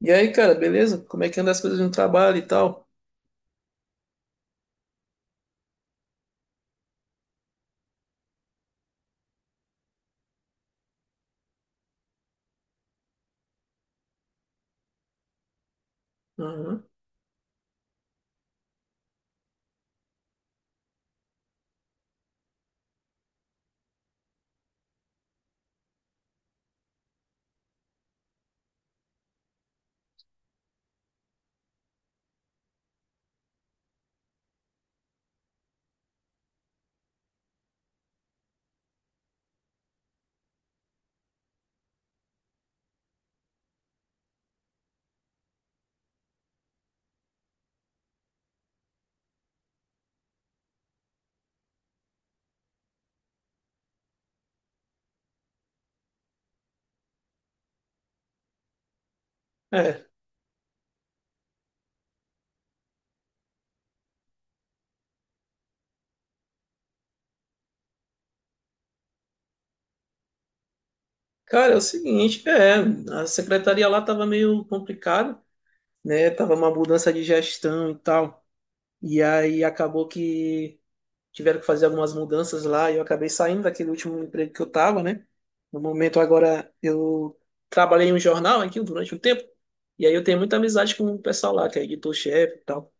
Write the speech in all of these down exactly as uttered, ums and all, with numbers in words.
E aí, cara, beleza? Como é que anda as coisas no trabalho e tal? Aham. É. Cara, é o seguinte, é, a secretaria lá tava meio complicada, né? Tava uma mudança de gestão e tal. E aí acabou que tiveram que fazer algumas mudanças lá e eu acabei saindo daquele último emprego que eu tava, né? No momento agora eu trabalhei em um jornal aqui durante um tempo. E aí eu tenho muita amizade com o pessoal lá, que é editor-chefe e tal.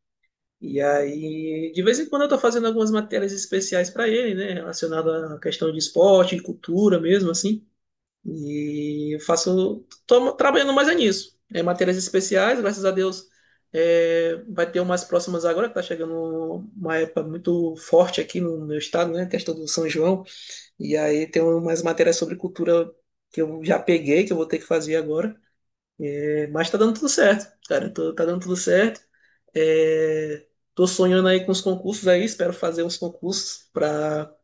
E aí, de vez em quando eu estou fazendo algumas matérias especiais para ele, né, relacionada à questão de esporte, de cultura mesmo, assim. E eu faço, tô trabalhando mais é nisso. É matérias especiais, graças a Deus, é, vai ter umas próximas agora, que tá chegando uma época muito forte aqui no meu estado, né, questão do São João. E aí tem umas matérias sobre cultura que eu já peguei, que eu vou ter que fazer agora. Mas tá dando tudo certo, cara. Tô- tá dando tudo certo. É, tô sonhando aí com os concursos aí. Espero fazer uns concursos para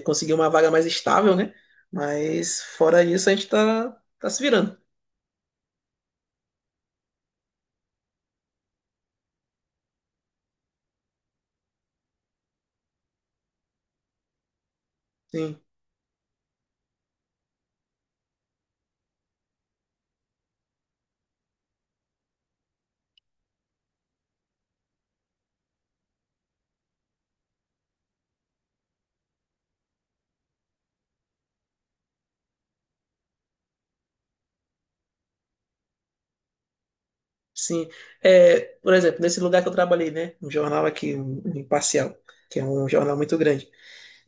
conseguir uma vaga mais estável, né? Mas fora isso, a gente tá, tá se virando. Sim, sim. É, por exemplo, nesse lugar que eu trabalhei, né? Um jornal aqui, um, um Imparcial, que é um jornal muito grande.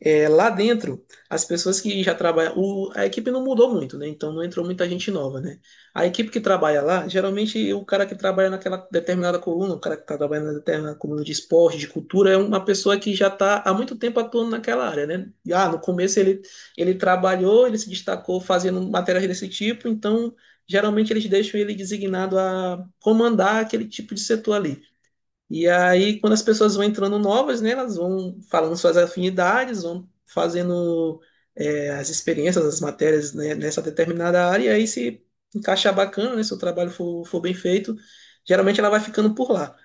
É, lá dentro, as pessoas que já trabalham. O- a equipe não mudou muito, né? Então não entrou muita gente nova, né? A equipe que trabalha lá, geralmente o cara que trabalha naquela determinada coluna, o cara que está trabalhando na determinada coluna de esporte, de cultura, é uma pessoa que já está há muito tempo atuando naquela área, né? E, ah, no começo ele, ele trabalhou, ele se destacou fazendo matérias desse tipo, então geralmente eles deixam ele designado a comandar aquele tipo de setor ali. E aí, quando as pessoas vão entrando novas, né, elas vão falando suas afinidades, vão fazendo é, as experiências, as matérias, né, nessa determinada área, e aí se encaixar bacana, né, se o trabalho for, for bem feito, geralmente ela vai ficando por lá.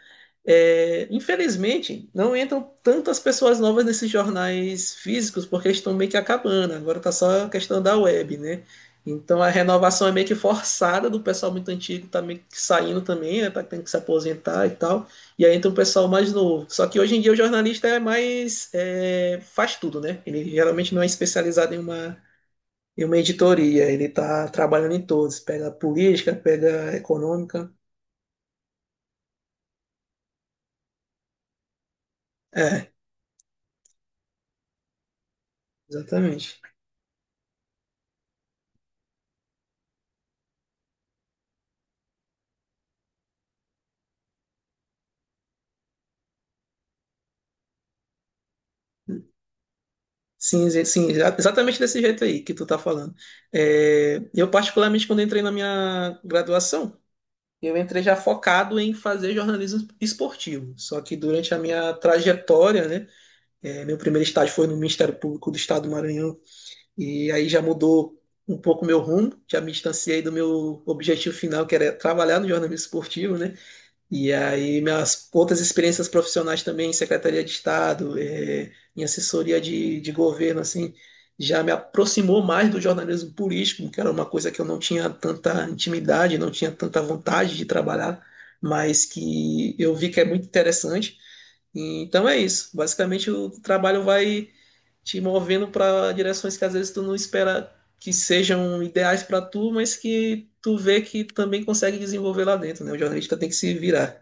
É, infelizmente, não entram tantas pessoas novas nesses jornais físicos porque estão meio que acabando. Agora tá só a questão da web, né? Então a renovação é meio que forçada do pessoal muito antigo tá meio que saindo também, né? Tá tendo que se aposentar e tal. E aí entra um pessoal mais novo. Só que hoje em dia o jornalista é mais é, faz tudo, né? Ele geralmente não é especializado em uma em uma editoria. Ele tá trabalhando em todos. Pega política, pega econômica. É, exatamente. Sim, exa- sim, exa- exatamente desse jeito aí que tu tá falando. É, eu, particularmente, quando entrei na minha graduação, eu entrei já focado em fazer jornalismo esportivo. Só que durante a minha trajetória, né, é, meu primeiro estágio foi no Ministério Público do Estado do Maranhão, e aí já mudou um pouco meu rumo, já me distanciei do meu objetivo final, que era trabalhar no jornalismo esportivo, né? E aí, minhas outras experiências profissionais também, em Secretaria de Estado, eh, em assessoria de, de governo, assim, já me aproximou mais do jornalismo político, que era uma coisa que eu não tinha tanta intimidade, não tinha tanta vontade de trabalhar, mas que eu vi que é muito interessante. Então é isso. Basicamente, o trabalho vai te movendo para direções que às vezes tu não espera que sejam ideais para tu, mas que tu vê que também consegue desenvolver lá dentro, né? O jornalista tem que se virar.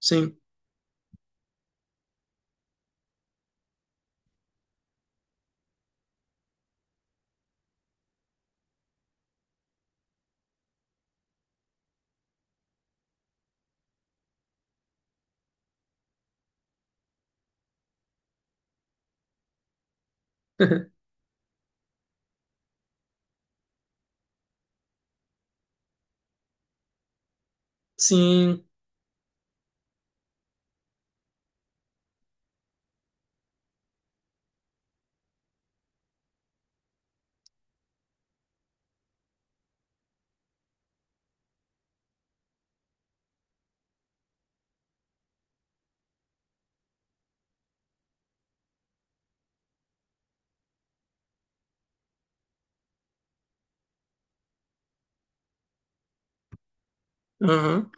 Sim, sim, aham,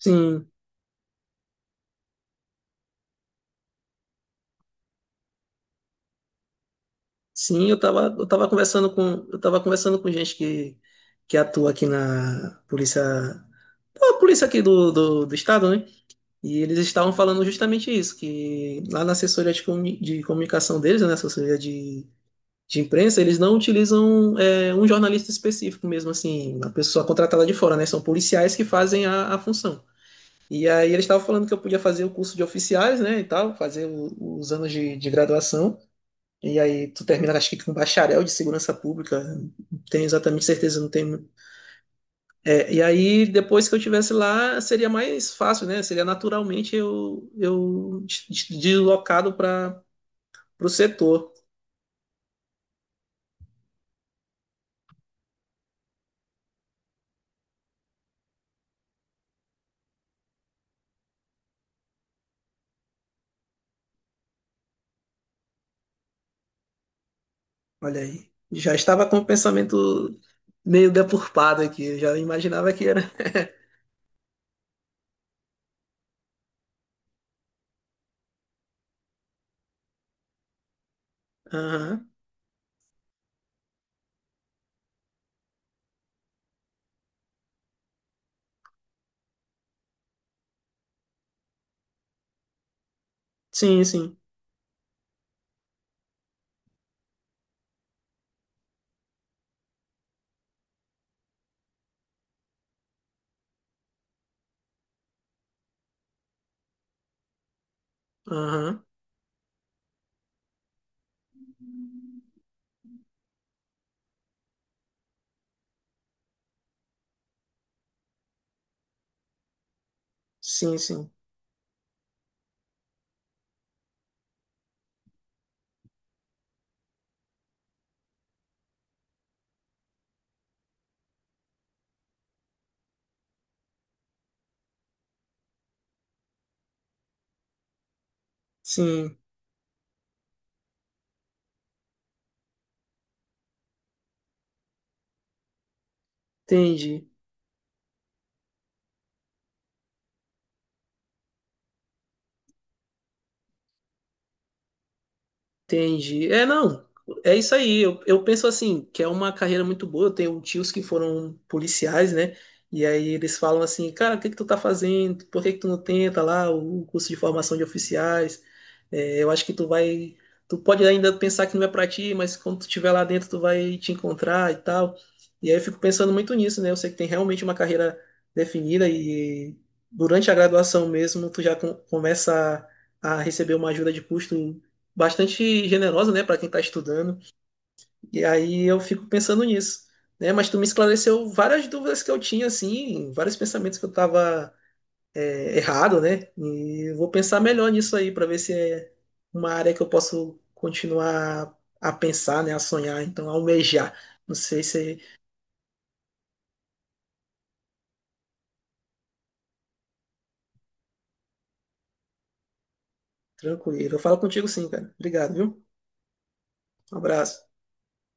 sim, sim, eu tava, eu tava conversando com, eu tava conversando com gente que, que atua aqui na polícia, a polícia aqui do, do, do estado, né? E eles estavam falando justamente isso, que lá na assessoria de, comu- de comunicação deles, né, assessoria de, de imprensa, eles não utilizam é, um jornalista específico mesmo, assim, uma pessoa contratada de fora, né? São policiais que fazem a, a função. E aí eles estavam falando que eu podia fazer o curso de oficiais, né, e tal, fazer o- os anos de, de graduação. E aí tu termina, acho que com bacharel de segurança pública, não tenho exatamente certeza, não tenho. É, e aí depois que eu tivesse lá, seria mais fácil, né? Seria naturalmente eu, eu des- des- deslocado para o setor. Olha aí, já estava com o pensamento meio deturpado aqui, eu já imaginava que era. Aham. Sim, sim. Aham. Sim, sim. Sim, entendi. Entendi. É, não, é isso aí. Eu, eu penso assim, que é uma carreira muito boa. Eu tenho tios que foram policiais, né? E aí eles falam assim, cara, o que que tu tá fazendo? Por que que tu não tenta lá o curso de formação de oficiais? É, eu acho que tu vai. Tu pode ainda pensar que não é pra ti, mas quando tu estiver lá dentro, tu vai te encontrar e tal. E aí eu fico pensando muito nisso, né? Eu sei que tem realmente uma carreira definida e durante a graduação mesmo, tu já com- começa a a receber uma ajuda de custo bastante generosa, né, para quem está estudando. E aí eu fico pensando nisso, né? Mas tu me esclareceu várias dúvidas que eu tinha, assim, vários pensamentos que eu estava errado, né? E eu vou pensar melhor nisso aí para ver se é uma área que eu posso continuar a pensar, né, a sonhar, então a almejar. Não sei se é tranquilo. Eu falo contigo sim, cara. Obrigado, viu? Um abraço.